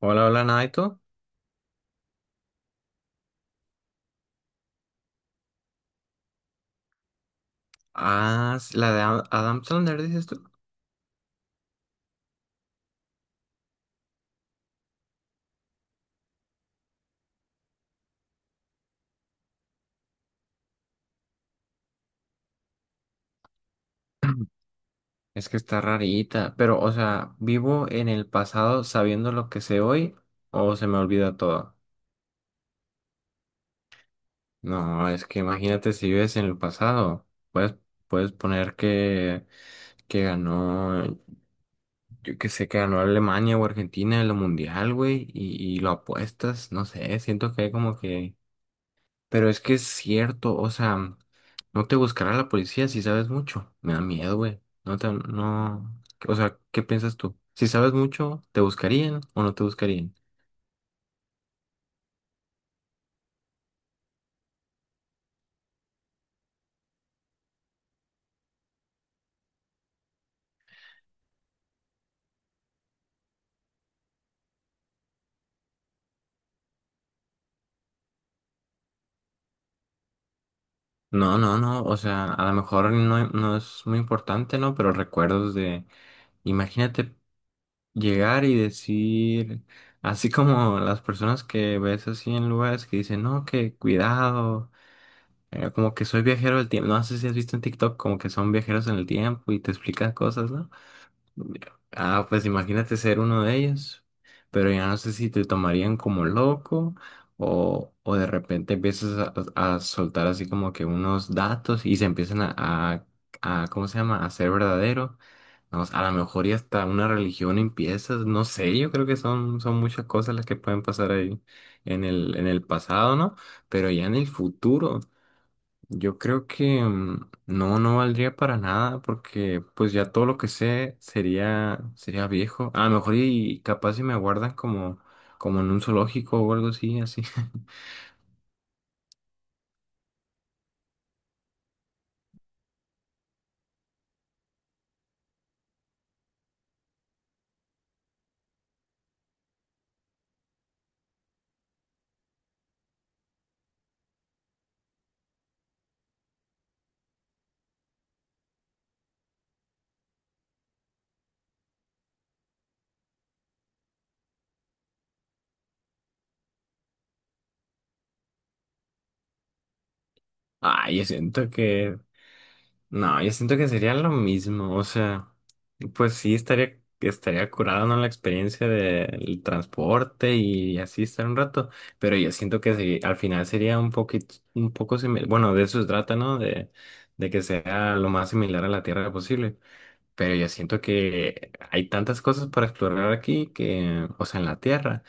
Hola, hola, Naito. Ah, la de Adam Sandler, dices tú. Es que está rarita, pero, o sea, ¿vivo en el pasado sabiendo lo que sé hoy o se me olvida todo? No, es que imagínate si vives en el pasado. Puedes poner que ganó, yo que sé, que ganó Alemania o Argentina en lo mundial, güey, y lo apuestas, no sé, siento que hay como que. Pero es que es cierto, o sea, no te buscará la policía si sabes mucho. Me da miedo, güey. No te, no, o sea, ¿qué piensas tú? Si sabes mucho, ¿te buscarían o no te buscarían? No, no, no, o sea, a lo mejor no, no es muy importante, ¿no? Pero recuerdos de, imagínate llegar y decir, así como las personas que ves así en lugares que dicen, no, que cuidado, como que soy viajero del tiempo, no sé si has visto en TikTok, como que son viajeros en el tiempo y te explican cosas, ¿no? Ah, pues imagínate ser uno de ellos, pero ya no sé si te tomarían como loco o de repente empiezas a soltar así como que unos datos y se empiezan ¿cómo se llama?, a ser verdadero. No, a lo mejor y hasta una religión empiezas, no sé, yo creo que son muchas cosas las que pueden pasar ahí en el pasado, ¿no? Pero ya en el futuro. Yo creo que no, no valdría para nada porque pues ya todo lo que sé sería, sería viejo. A lo mejor y capaz si me guardan como en un zoológico o algo así, así. Ay, yo siento que. No, yo siento que sería lo mismo, o sea, pues sí estaría, estaría curada, ¿no? La experiencia del transporte y así estar un rato, pero yo siento que sí, al final sería un poquito, un poco similar, bueno, de eso se trata, ¿no? De que sea lo más similar a la Tierra posible, pero yo siento que hay tantas cosas para explorar aquí que, o sea, en la Tierra,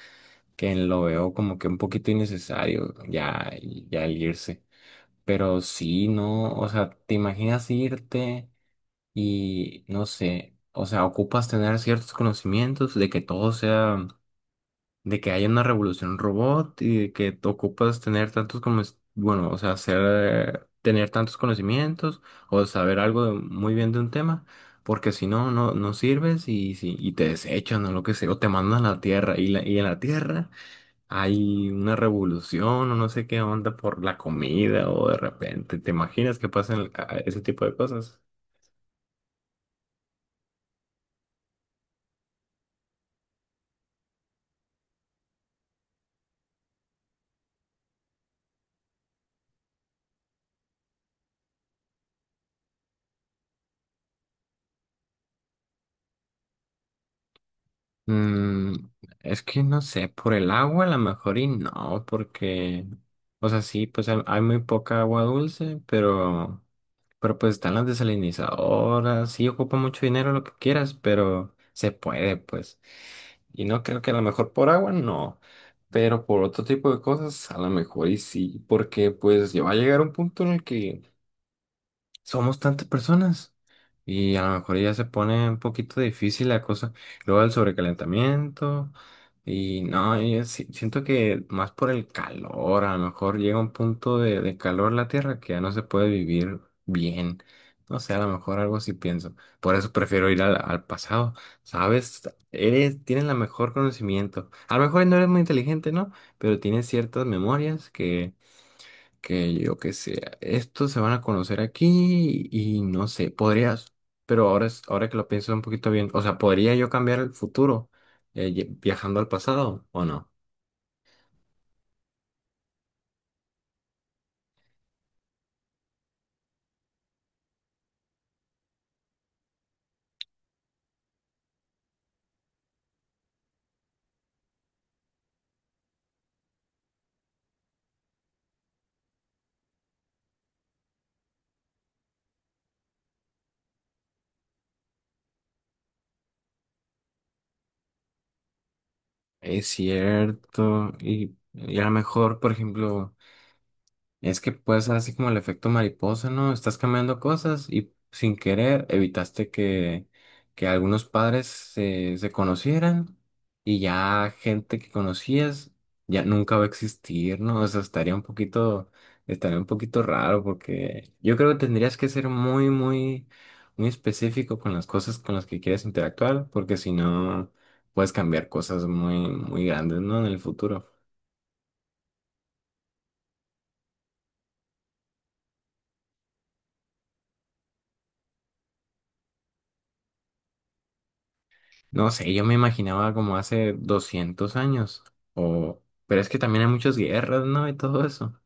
que lo veo como que un poquito innecesario ya, ya el irse, pero sí, ¿no? O sea, ¿te imaginas irte? Y no sé, o sea, ocupas tener ciertos conocimientos de que todo sea, de que haya una revolución robot y de que te ocupas tener tantos como, bueno, o sea, hacer, tener tantos conocimientos o saber algo muy bien de un tema, porque si no, no, no sirves y, si, y te desechan o lo que sea, o te mandan a la Tierra y en la Tierra hay una revolución o no sé qué onda por la comida o de repente, ¿te imaginas que pasan ese tipo de cosas? Mm, es que no sé, por el agua a lo mejor y no, porque, o sea, sí, pues hay muy poca agua dulce, pero pues están las desalinizadoras, sí ocupa mucho dinero lo que quieras, pero se puede, pues. Y no creo que a lo mejor por agua no, pero por otro tipo de cosas a lo mejor y sí, porque pues ya va a llegar un punto en el que somos tantas personas y a lo mejor ya se pone un poquito difícil la cosa. Luego el sobrecalentamiento y no, yo siento que más por el calor, a lo mejor llega un punto de calor la Tierra que ya no se puede vivir bien. No sé, a lo mejor algo así pienso. Por eso prefiero ir al pasado, ¿sabes? Eres, tienes la mejor conocimiento. A lo mejor no eres muy inteligente, ¿no? Pero tienes ciertas memorias que yo que sé, estos se van a conocer aquí y, no sé, podrías, pero ahora, ahora que lo pienso un poquito bien, o sea, ¿podría yo cambiar el futuro viajando al pasado o no? Es cierto, y a lo mejor, por ejemplo. Es que puede ser así como el efecto mariposa, ¿no? Estás cambiando cosas y sin querer evitaste que algunos padres se, se conocieran y ya gente que conocías ya nunca va a existir, ¿no? O sea, estaría un poquito raro porque yo creo que tendrías que ser muy, muy, muy específico con las cosas con las que quieres interactuar porque si no puedes cambiar cosas muy, muy grandes, ¿no? En el futuro. No sé, yo me imaginaba como hace 200 años, o, pero es que también hay muchas guerras, ¿no? Y todo eso.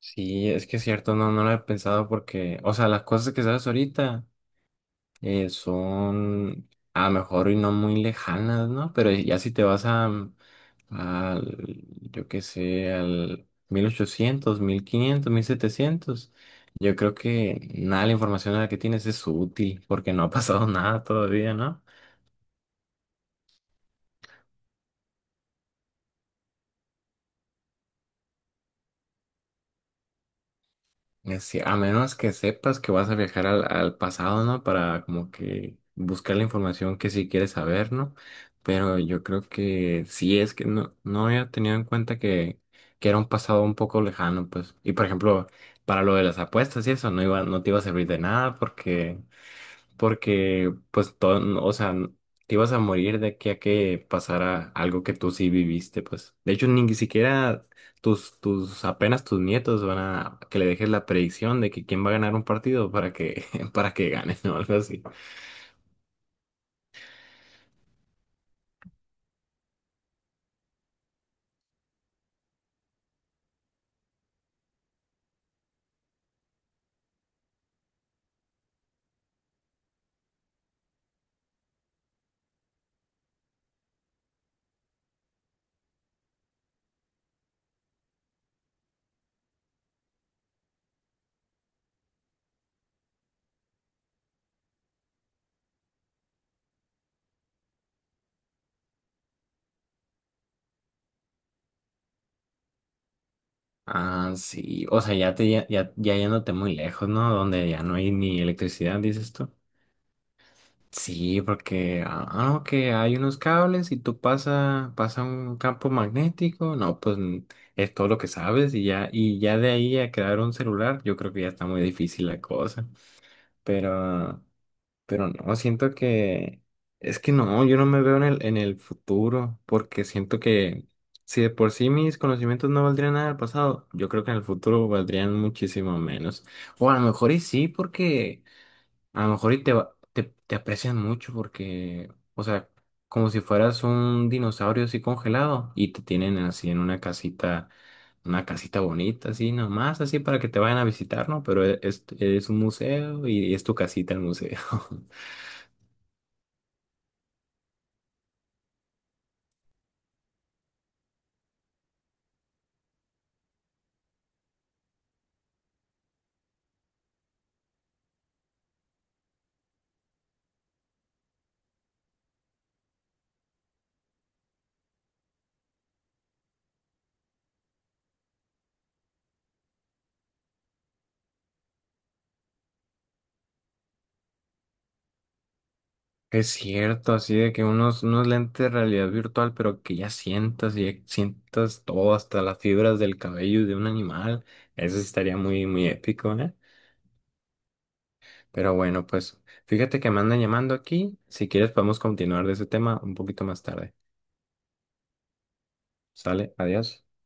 Sí, es que es cierto, no, no lo he pensado porque, o sea, las cosas que sabes ahorita son a lo mejor y no muy lejanas, ¿no? Pero ya si te vas al, yo qué sé, al 1000 1800 1500 1700 yo creo que nada de la información a la que tienes es útil porque no ha pasado nada todavía, ¿no? Es que a menos que sepas que vas a viajar al pasado, ¿no? Para como que buscar la información que sí quieres saber, ¿no? Pero yo creo que sí es que no, no había tenido en cuenta que, era un pasado un poco lejano, pues. Y por ejemplo, para lo de las apuestas y eso, no iba, no te iba a servir de nada porque pues todo, o sea, te ibas a morir de aquí a que pasara algo que tú sí viviste, pues. De hecho, ni siquiera apenas tus nietos van a que le dejes la predicción de que quién va a ganar un partido para que, para que gane, ¿no? Algo así. Ah, sí, o sea, ya yéndote muy lejos, ¿no? Donde ya no hay ni electricidad, dices tú. Sí, porque que hay unos cables y tú pasa un campo magnético, no, pues es todo lo que sabes y ya de ahí a crear un celular, yo creo que ya está muy difícil la cosa. Pero, pero no, siento que es que no, yo no me veo en el futuro, porque siento que si de por sí mis conocimientos no valdrían nada del pasado, yo creo que en el futuro valdrían muchísimo menos. O a lo mejor y sí, porque a lo mejor y te aprecian mucho porque, o sea, como si fueras un dinosaurio así congelado y te tienen así en una casita bonita, así nomás, así para que te vayan a visitar, ¿no? Pero es un museo y es tu casita el museo. Es cierto, así de que unos lentes de realidad virtual, pero que ya sientas todo, hasta las fibras del cabello de un animal. Eso sí estaría muy, muy épico, ¿eh? Pero bueno, pues fíjate que me andan llamando aquí. Si quieres podemos continuar de ese tema un poquito más tarde. Sale, adiós.